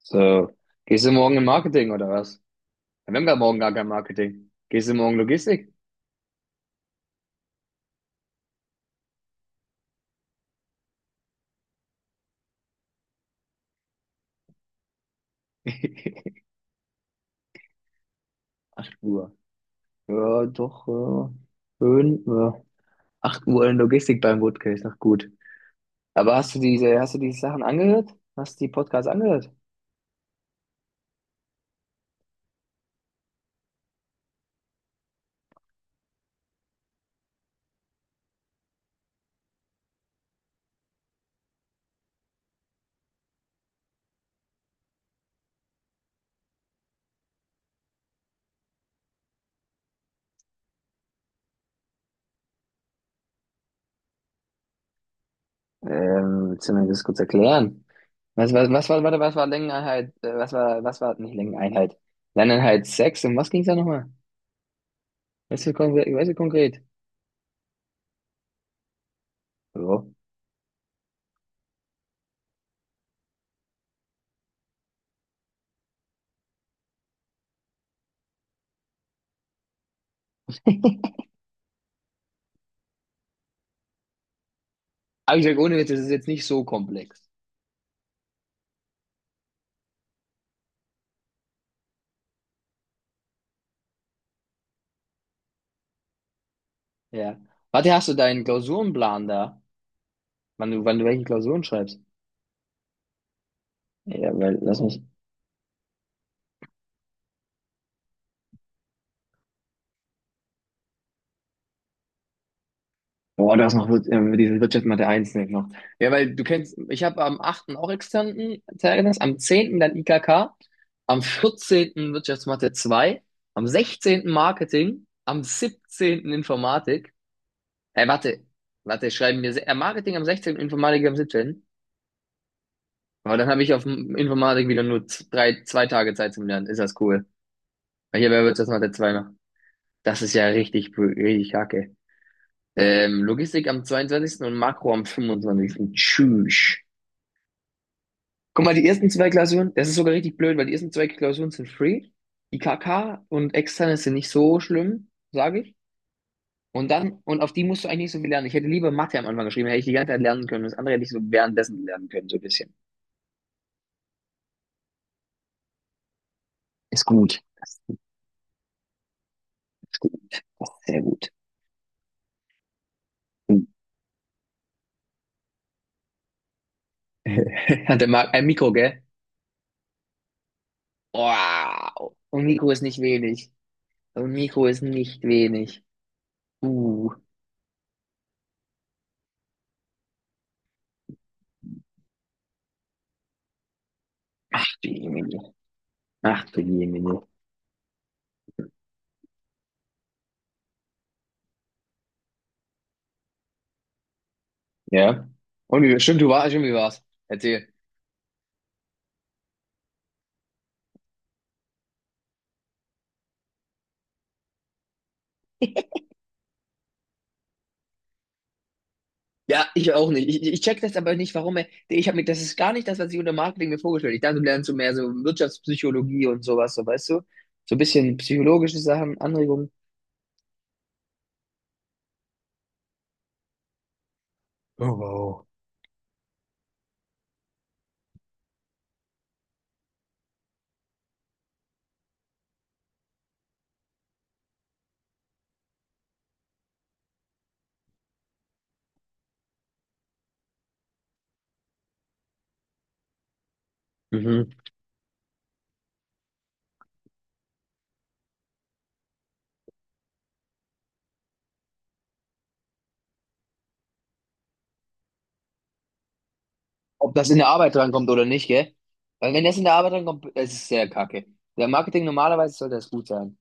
So, gehst du morgen im Marketing oder was? Ja, wir haben gar morgen gar kein Marketing. Gehst du morgen Logistik? 8 Uhr. Ja, doch, ja. Schön, ja. 8 Uhr in Logistik beim Woodcase, noch gut. Aber hast du diese Sachen angehört? Hast du die Podcasts angehört? Willst du mir das kurz erklären? Was war Längeneinheit, nicht Längeneinheit, Längeneinheit sechs, um was ging's da nochmal? Weißt du konkret? So. Aber ich sag, ohne Witz, das ist jetzt nicht so komplex. Ja. Warte, hast du deinen Klausurenplan da? Wann du welche Klausuren schreibst? Ja, weil, lass mich. Boah, du hast noch diese Wirtschaft Mathe 1 nicht noch. Ja, weil du kennst, ich habe am 8. Auch externen Zeugnis, am 10. Dann IKK, am 14. Wirtschaftsmathe 2, am 16. Marketing, am 17. Informatik. Ey, warte, schreiben wir Marketing am 16., Informatik am siebzehnten. Aber dann habe ich auf dem Informatik wieder nur drei, zwei Tage Zeit zum Lernen. Ist das cool. Weil ich habe ja Wirtschaftsmathe 2 noch. Das ist ja richtig, richtig kacke. Logistik am 22. Und Makro am fünfundzwanzigsten. Tschüss. Guck mal, die ersten zwei Klausuren, das ist sogar richtig blöd, weil die ersten zwei Klausuren sind free. Die KK und externe sind nicht so schlimm, sage ich. Und auf die musst du eigentlich nicht so viel lernen. Ich hätte lieber Mathe am Anfang geschrieben, hätte ich die ganze Zeit lernen können. Das andere hätte ich so währenddessen lernen können, so ein bisschen. Ist gut. Das ist gut. Das ist sehr gut. Und, Hat der Marc ein Mikro, gell? Wow. Und Mikro ist nicht wenig. Und Mikro ist nicht wenig. Uh, Ach du Jemine. Ach du Jemine. Ja. Und wie, stimmt, du warst, Stimmt, du warst. Erzähl. Ja, ich auch nicht. Ich check das aber nicht, warum er. Das ist gar nicht das, was ich unter Marketing mir vorgestellt habe. Ich dachte, du lernst so mehr so Wirtschaftspsychologie und sowas, so weißt du? So ein bisschen psychologische Sachen, Anregungen. Mhm. Ob das in der Arbeit drankommt oder nicht, gell? Weil wenn das in der Arbeit drankommt, es ist sehr kacke. Der Marketing normalerweise sollte das gut sein.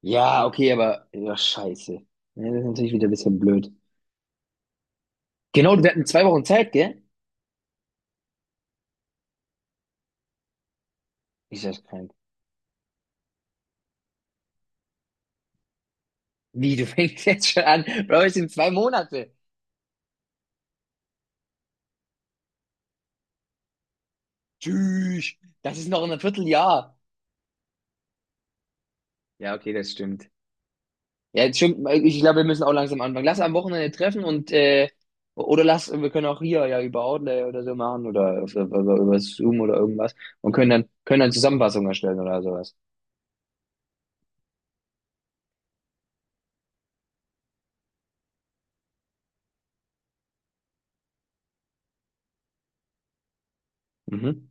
Ja, okay, aber ja, scheiße. Ja, das ist natürlich wieder ein bisschen blöd. Genau, wir hatten 2 Wochen Zeit, gell? Ich das krank. Wie, du fängst jetzt schon an? Bro, es sind 2 Monate. Tschüss. Das ist noch in einem Vierteljahr. Ja, okay, das stimmt. Ja, das stimmt. Ich glaube, wir müssen auch langsam anfangen. Lass am Wochenende treffen wir können auch hier ja über Outlay oder so machen oder über Zoom oder irgendwas und können dann Zusammenfassungen erstellen oder sowas. Mhm.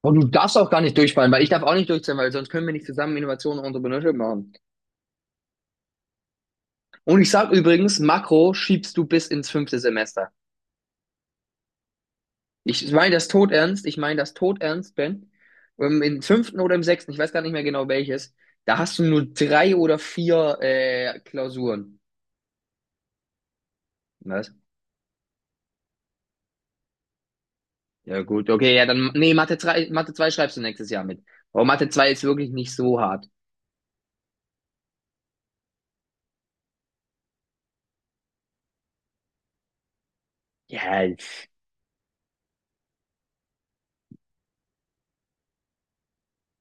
Und du darfst auch gar nicht durchfallen, weil ich darf auch nicht durchfallen, weil sonst können wir nicht zusammen Innovationen und Entrepreneurship machen. Und ich sag übrigens, Makro schiebst du bis ins fünfte Semester. Ich meine das todernst, ich meine das todernst, Ben. Im fünften oder im sechsten, ich weiß gar nicht mehr genau welches, da hast du nur drei oder vier Klausuren. Was? Ja gut, okay, ja dann, nee, Mathe 3, Mathe 2 schreibst du nächstes Jahr mit. Aber Mathe 2 ist wirklich nicht so hart. Ja, pf.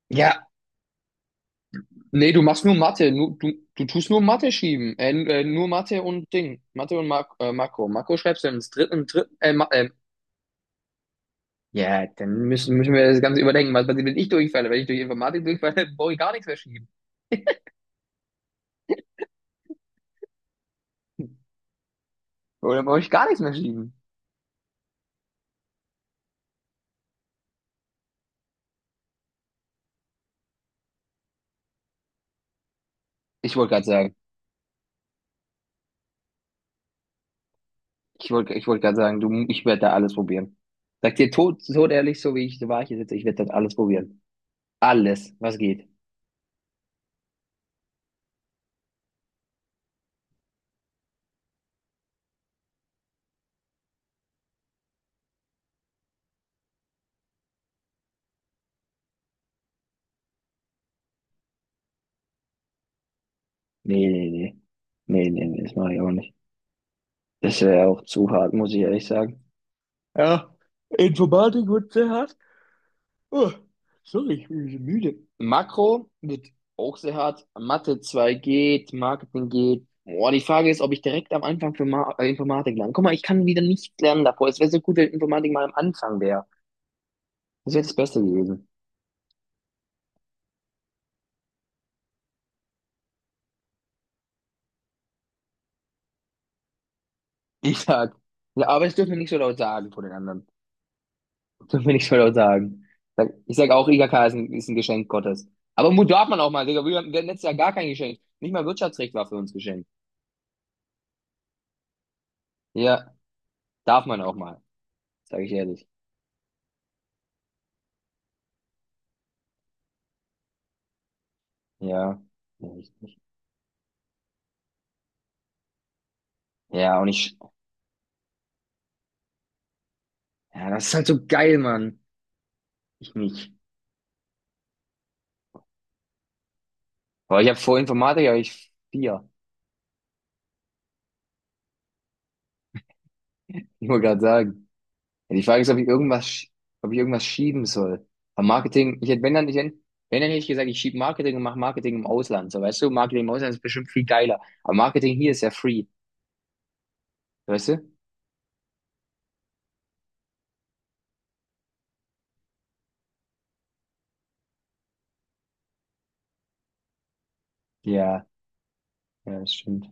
Ja, nee, du machst nur Mathe, nur, du tust nur Mathe schieben, nur Mathe und Ding, Mathe und Makro. Makro schreibst du im dritten. Ja, dann müssen wir das Ganze überdenken. Was passiert, wenn ich durchfalle? Wenn ich durch Informatik durchfalle, brauche ich gar nichts mehr schieben. Oder brauche ich gar nichts mehr schieben? Ich wollte gerade sagen, Ich wollte gerade sagen, du, ich werde da alles probieren. Sag dir tot, tot ehrlich, so wie ich, so war ich hier sitze, ich werde das alles probieren. Alles, was geht. Nee, nee, nee. Nee, nee, nee, das mache ich auch nicht. Das wäre auch zu hart, muss ich ehrlich sagen. Ja, Informatik wird sehr hart. Oh, sorry, ich bin so müde. Makro wird auch sehr hart. Mathe 2 geht, Marketing geht. Boah, die Frage ist, ob ich direkt am Anfang für Ma Informatik lerne. Guck mal, ich kann wieder nicht lernen davor. Es wäre so gut, wenn Informatik mal am Anfang wäre. Das wäre das Beste gewesen. Ich sag. Ja, aber das dürfen wir nicht so laut sagen vor den anderen. Das dürfen wir nicht so laut sagen. Ich sag auch, IGK ist ein Geschenk Gottes. Aber Mut darf man auch mal, Digga. Wir haben letztes Jahr gar kein Geschenk. Nicht mal Wirtschaftsrecht war für uns Geschenk. Ja, darf man auch mal. Sag ich ehrlich. Ja. Ja, ja, ja, das ist halt so geil, Mann. Ich nicht. Aber ich habe vor Informatik, habe ich vier. Ich wollte gerade sagen. Ja, die Frage ist, ob ich irgendwas schieben soll. Aber Marketing, ich hätte, wenn dann, nicht wenn dann hätte ich gesagt, ich schiebe Marketing und mache Marketing im Ausland. So, weißt du, Marketing im Ausland ist bestimmt viel geiler. Aber Marketing hier ist ja free. Weißt du? Ja, ja, das stimmt.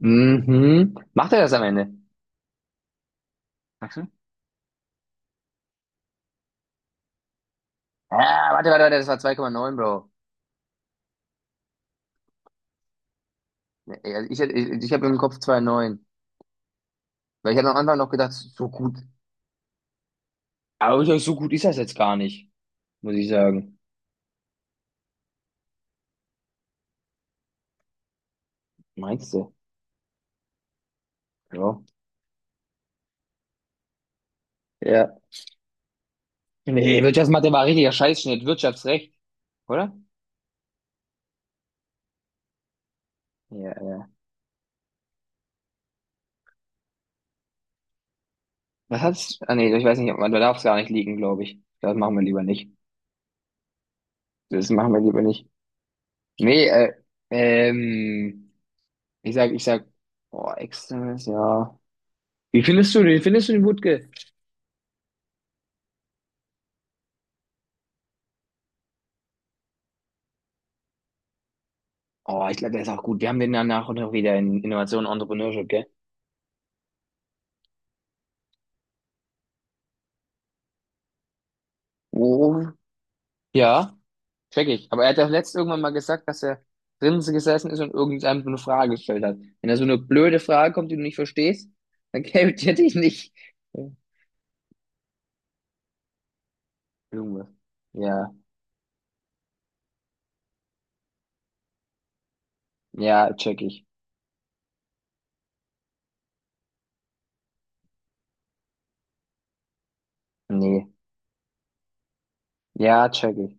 Mhm. Macht er das am Ende? Ach so. Ah, warte, warte, warte, das war 2,9 Bro. Ja, ich habe im Kopf 2,9. Weil ich habe am Anfang noch gedacht, so gut. Aber ich glaub, so gut ist das jetzt gar nicht, muss ich sagen. Meinst du? Ja. Ja. Nee, Wirtschaftsmathe war richtiger Scheißschnitt. Wirtschaftsrecht, oder? Ja, ja. Was hat's? Ah, nee, ich weiß nicht, ob man da darf es gar nicht liegen, glaube ich. Das machen wir lieber nicht. Das machen wir lieber nicht. Nee, ähm, ich sag, oh, externes, ja. Wie findest du den? Wie findest du den Wutke? Oh, ich glaube, der ist auch gut. Wir haben den danach auch noch wieder in Innovation und Entrepreneurship, gell? Oh. Ja, check ich. Aber er hat ja letztens irgendwann mal gesagt, dass er drinnen gesessen ist und irgendeinem so eine Frage gestellt hat. Wenn da so eine blöde Frage kommt, die du nicht verstehst, dann kämpft er dich nicht. Ja. Irgendwas. Ja, ja, check ich. Nee. Ja, check ich.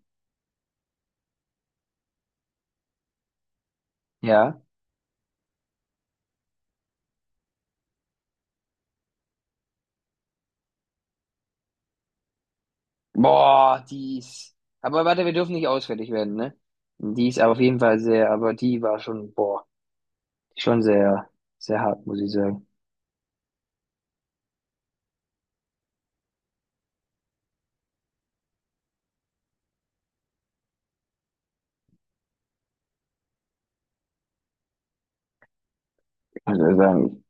Ja. Boah, die ist. Aber warte, wir dürfen nicht ausfällig werden, ne? Die ist aber auf jeden Fall sehr, aber die war schon, boah, schon sehr, sehr hart, muss ich sagen. Also sagen.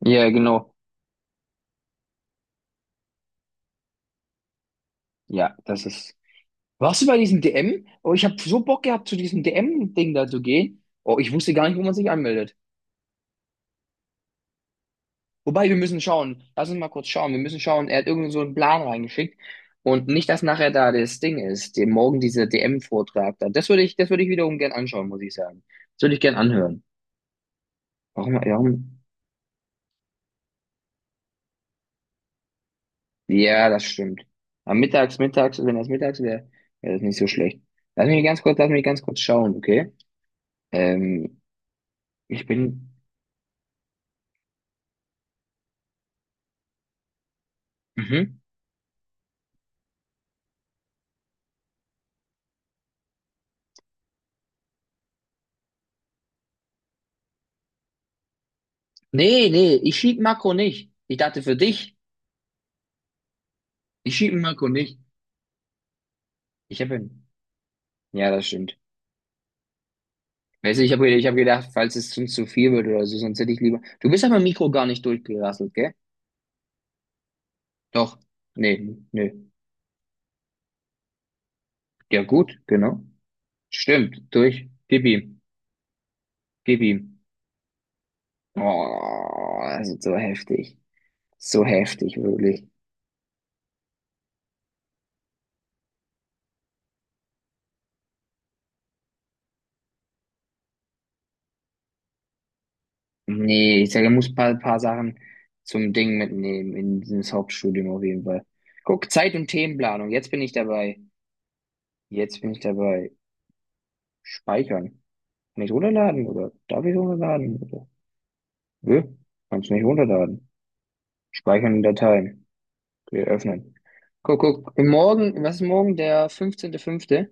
Ja, genau. Ja, das ist. Warst du bei diesem DM? Oh, ich habe so Bock gehabt, zu diesem DM-Ding da zu gehen. Oh, ich wusste gar nicht, wo man sich anmeldet. Wobei, wir müssen schauen. Lass uns mal kurz schauen. Wir müssen schauen. Er hat irgend so einen Plan reingeschickt. Und nicht, dass nachher da das Ding ist, den morgen dieser DM-Vortrag da. Das würde ich wiederum gern anschauen, muss ich sagen. Das würde ich gern anhören. Warum, warum? Ja, das stimmt. Am Mittags, mittags, wenn das mittags wäre, wäre das nicht so schlecht. Lass mich ganz kurz schauen, okay? Ähm, Ich bin. Mhm. Nee, nee, ich schieb Marco nicht. Ich dachte für dich, ich schieb Marco nicht. Ich habe ihn. Ja, das stimmt. Weißt du, ich hab gedacht, falls es uns zu viel wird oder so, sonst hätte ich lieber. Du bist aber Mikro gar nicht durchgerasselt, gell? Doch. Nee, nee. Ja, gut, genau. Stimmt, durch. Gib ihm, gib ihm. Oh, das ist so heftig. So heftig, wirklich. Nee, ich sage, er muss ein paar Sachen zum Ding mitnehmen in dieses Hauptstudium auf jeden Fall. Guck, Zeit- und Themenplanung, jetzt bin ich dabei. Jetzt bin ich dabei. Speichern. Kann ich runterladen oder darf ich runterladen? Oder? Nö, kannst nicht runterladen. Speichern in Dateien. Okay, öffnen. Guck, guck. Im Morgen, was ist morgen? Der 15.05.?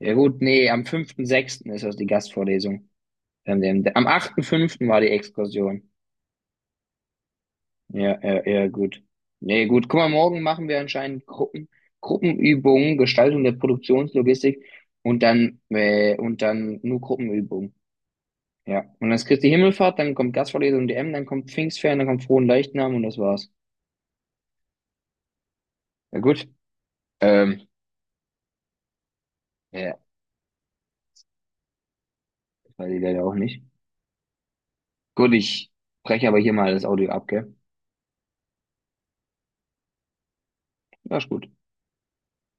Ja gut, nee, am 5.6. ist das die Gastvorlesung. Am 8.05. war die Exkursion. Ja, ja, ja, gut. Nee, gut. Guck mal, morgen machen wir anscheinend Gruppen, Gruppenübungen, Gestaltung der Produktionslogistik und dann nur Gruppenübungen. Ja. Und dann ist Christi Himmelfahrt, dann kommt Gastvorlesung DM, dann kommt Pfingstferien, dann kommt Frohen Leichnam und das war's. Ja gut. Ähm, ja, das weiß ich leider auch nicht. Gut, ich breche aber hier mal das Audio ab, gell? Ja, ist gut.